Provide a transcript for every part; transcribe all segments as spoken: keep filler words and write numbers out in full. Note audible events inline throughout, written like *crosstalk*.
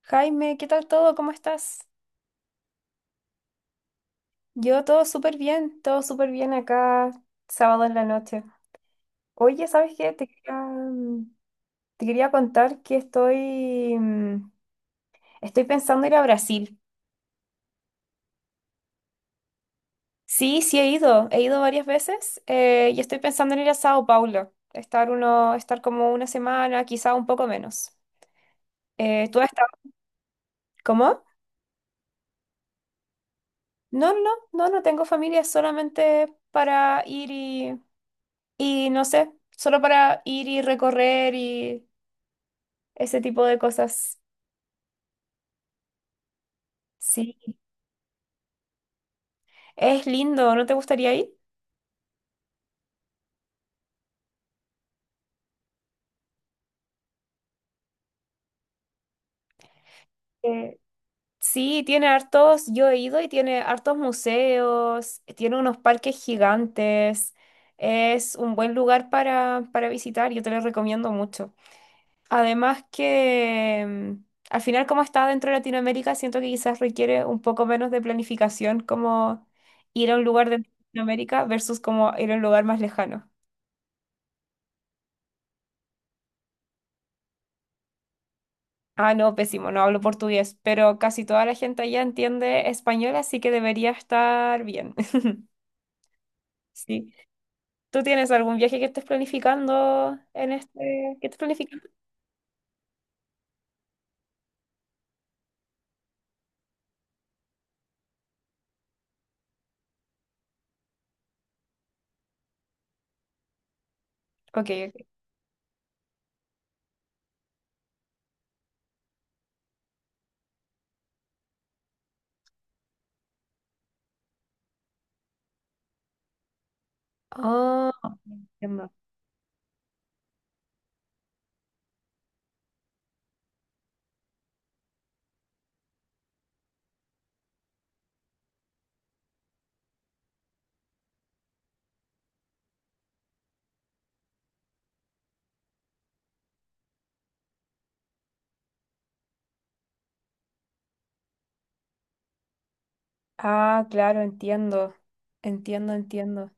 Jaime, ¿qué tal todo? ¿Cómo estás? Yo todo súper bien, todo súper bien acá, sábado en la noche. Oye, ¿sabes qué? Te quería, mm, te quería contar que estoy, mm, estoy pensando ir a Brasil. Sí, sí he ido, he ido varias veces eh, y estoy pensando en ir a Sao Paulo, estar uno, estar como una semana, quizá un poco menos. Eh, ¿tú has estado? ¿Cómo? No, no, no, no tengo familia, solamente para ir y, y no sé, solo para ir y recorrer y ese tipo de cosas. Sí. Es lindo, ¿no te gustaría ir? Eh, sí, tiene hartos, yo he ido y tiene hartos museos, tiene unos parques gigantes. Es un buen lugar para, para visitar, yo te lo recomiendo mucho. Además que mm, al final como está dentro de Latinoamérica, siento que quizás requiere un poco menos de planificación como ir a un lugar de Latinoamérica versus como ir a un lugar más lejano. Ah, no, pésimo, no hablo portugués, pero casi toda la gente allá entiende español, así que debería estar bien. *laughs* Sí. ¿Tú tienes algún viaje que estés planificando en este? ¿Qué estás planificando? Ok, ok. Ah, entiendo. Ah, claro, entiendo. Entiendo, entiendo.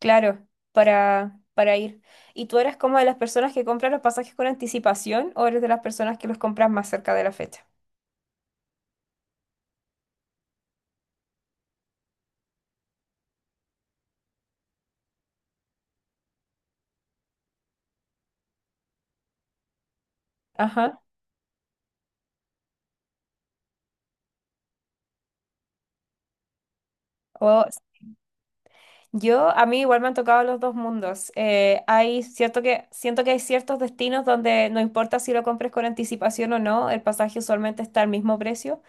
Claro, para, para ir. ¿Y tú eres como de las personas que compran los pasajes con anticipación o eres de las personas que los compras más cerca de la fecha? Ajá. O yo, a mí igual me han tocado los dos mundos. Eh, hay cierto que, siento que hay ciertos destinos donde no importa si lo compres con anticipación o no, el pasaje usualmente está al mismo precio.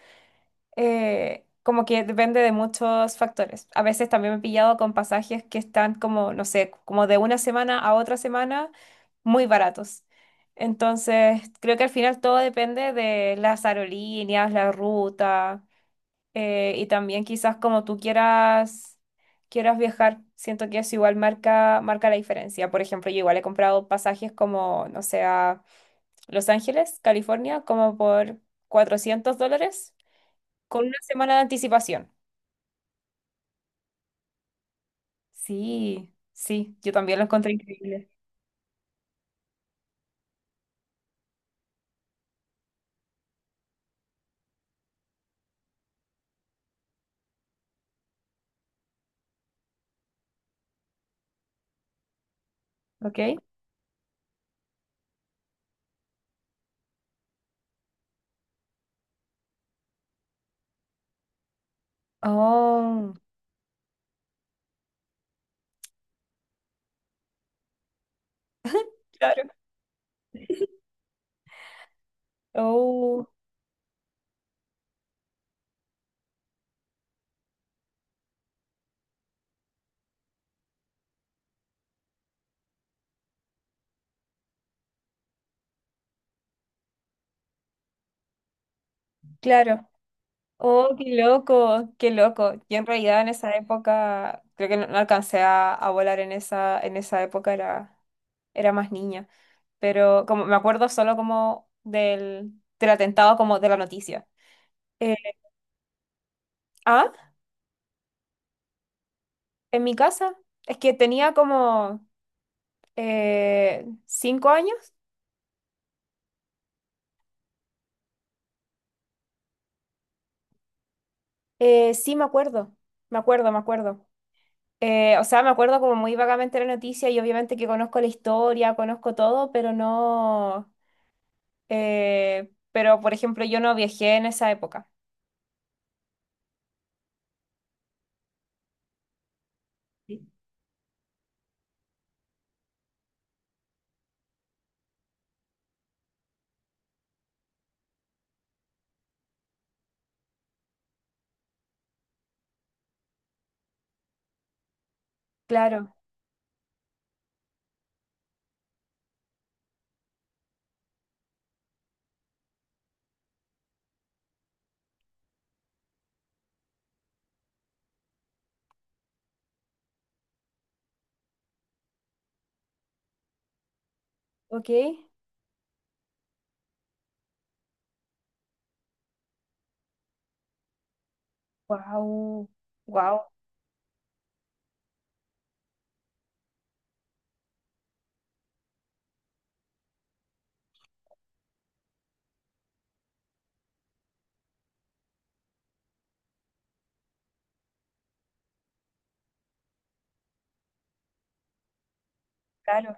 Eh, como que depende de muchos factores. A veces también me he pillado con pasajes que están como, no sé, como de una semana a otra semana, muy baratos. Entonces, creo que al final todo depende de las aerolíneas, la ruta eh, y también quizás como tú quieras, quieras viajar, siento que eso igual marca, marca la diferencia. Por ejemplo, yo igual he comprado pasajes como, no sé, a Los Ángeles, California, como por cuatrocientos dólares con una semana de anticipación. Sí, sí, yo también lo encontré increíble. ¿Ok? Oh, claro. Oh, claro. Oh, qué loco, qué loco. Yo en realidad en esa época, creo que no, no alcancé a, a volar en esa, en esa época, era, era más niña. Pero como me acuerdo solo como del, del atentado, como de la noticia. Eh, ah, en mi casa, es que tenía como eh, cinco años. Eh, sí, me acuerdo, me acuerdo, me acuerdo. Eh, o sea, me acuerdo como muy vagamente la noticia y obviamente que conozco la historia, conozco todo, pero no. Eh, pero, por ejemplo, yo no viajé en esa época. Claro, ok. Wow, wow, claro.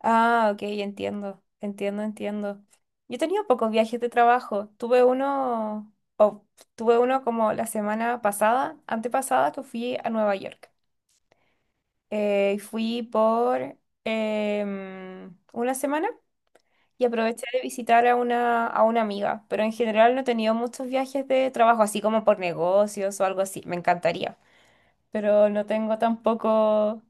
Ah, ok, entiendo, entiendo, entiendo. Yo he tenido pocos viajes de trabajo. Tuve uno, o tuve uno como la semana pasada, antepasada, que fui a Nueva York. Eh, fui por em, una semana y aproveché de visitar a una, a una amiga, pero en general no he tenido muchos viajes de trabajo, así como por negocios o algo así, me encantaría, pero no tengo tampoco...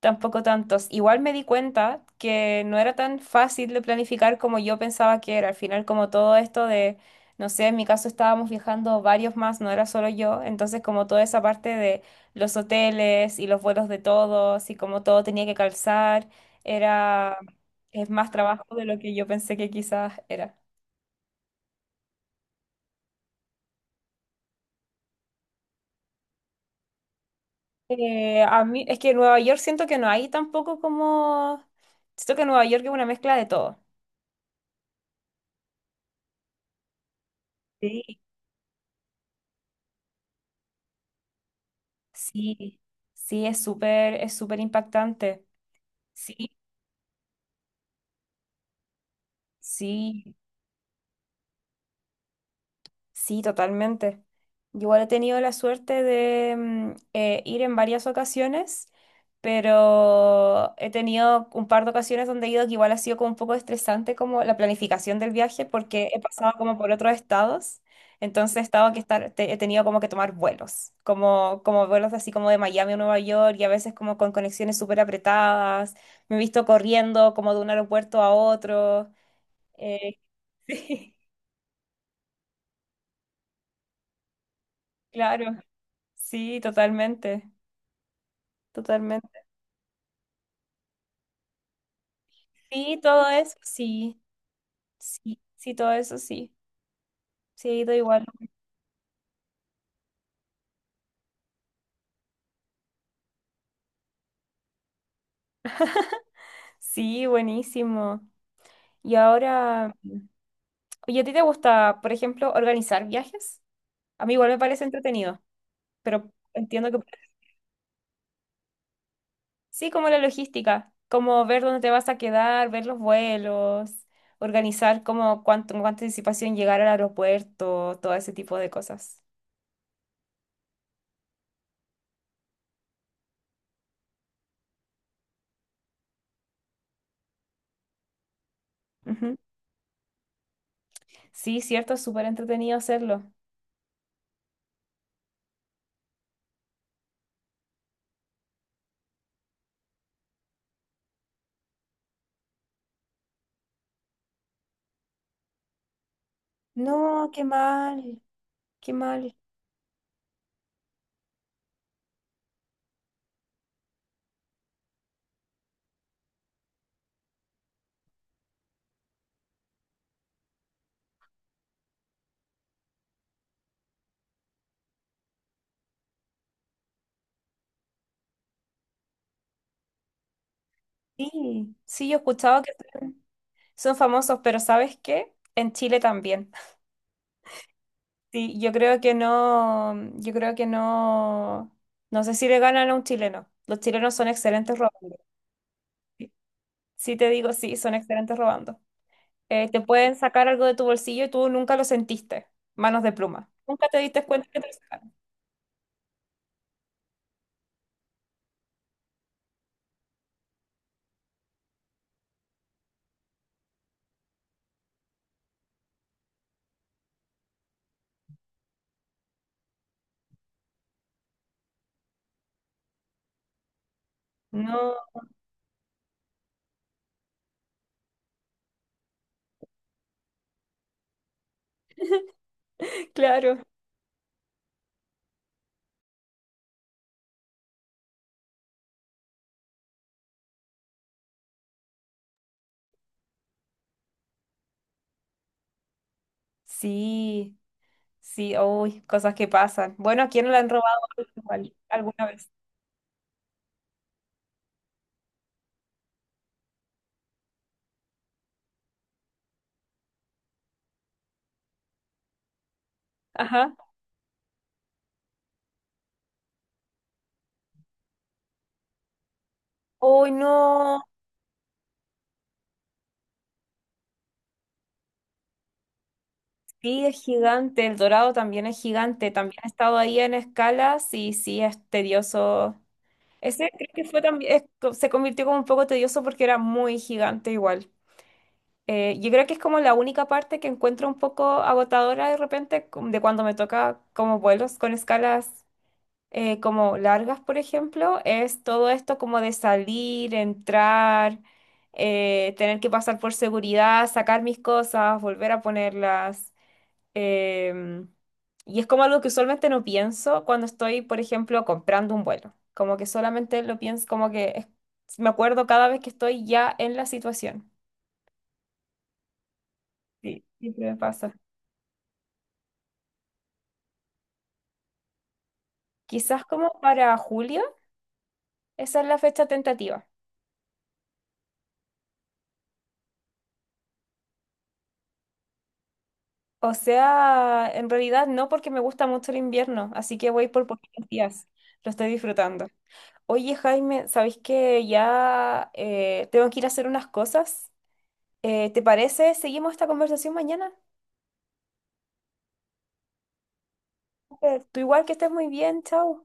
Tampoco tantos. Igual me di cuenta que no era tan fácil de planificar como yo pensaba que era. Al final, como todo esto de, no sé, en mi caso estábamos viajando varios más, no era solo yo. Entonces, como toda esa parte de los hoteles y los vuelos de todos y como todo tenía que calzar, era, es más trabajo de lo que yo pensé que quizás era. Eh, a mí, es que en Nueva York siento que no hay tampoco como, siento que Nueva York es una mezcla de todo. Sí. Sí, sí, es súper, es súper impactante. Sí, sí. Sí, totalmente. Yo igual he tenido la suerte de mm, eh, ir en varias ocasiones, pero he tenido un par de ocasiones donde he ido que igual ha sido como un poco estresante como la planificación del viaje porque he pasado como por otros estados, entonces he estado que estar, te- he tenido como que tomar vuelos, como, como vuelos así como de Miami a Nueva York y a veces como con conexiones súper apretadas, me he visto corriendo como de un aeropuerto a otro. eh, *laughs* sí, claro, sí, totalmente. Totalmente. Sí, todo eso, sí, sí, sí, todo eso, sí. Sí, he ido igual. Sí, buenísimo. Y ahora, oye, ¿a ti te gusta, por ejemplo, organizar viajes? A mí igual me parece entretenido, pero entiendo que sí, como la logística, como ver dónde te vas a quedar, ver los vuelos, organizar como cuánto, con cuánta anticipación llegar al aeropuerto, todo ese tipo de cosas. Ujú. Sí, cierto, es súper entretenido hacerlo. No, qué mal, qué mal. Sí, sí, yo he escuchado que son famosos, pero ¿sabes qué? En Chile también. *laughs* Sí, yo creo que no, yo creo que no, no sé si le ganan a un chileno. Los chilenos son excelentes robando. Sí, sí te digo, sí, son excelentes robando. Eh, te pueden sacar algo de tu bolsillo y tú nunca lo sentiste. Manos de pluma. Nunca te diste cuenta que te lo sacaron. No, *laughs* claro. Sí, sí, uy, cosas que pasan. Bueno, ¿a quién no le han robado algo igual alguna vez? Ajá. Uy, no. Sí, es gigante, el dorado también es gigante, también he estado ahí en escalas y sí es tedioso. Ese creo que fue también, es co- se convirtió como un poco tedioso porque era muy gigante igual. Eh, yo creo que es como la única parte que encuentro un poco agotadora de repente com- de cuando me toca como vuelos con escalas eh, como largas, por ejemplo, es todo esto como de salir, entrar, eh, tener que pasar por seguridad, sacar mis cosas, volver a ponerlas. Em, y es como algo que usualmente no pienso cuando estoy, por ejemplo, comprando un vuelo. Como que solamente lo pienso, como que es- me acuerdo cada vez que estoy ya en la situación. Sí, siempre me pasa. Quizás como para julio, esa es la fecha tentativa. O sea, en realidad no porque me gusta mucho el invierno, así que voy por poquitos días. Lo estoy disfrutando. Oye, Jaime, ¿sabéis que ya eh, tengo que ir a hacer unas cosas? Eh, ¿te parece? ¿Seguimos esta conversación mañana? Súper. Tú igual que estés muy bien, chao.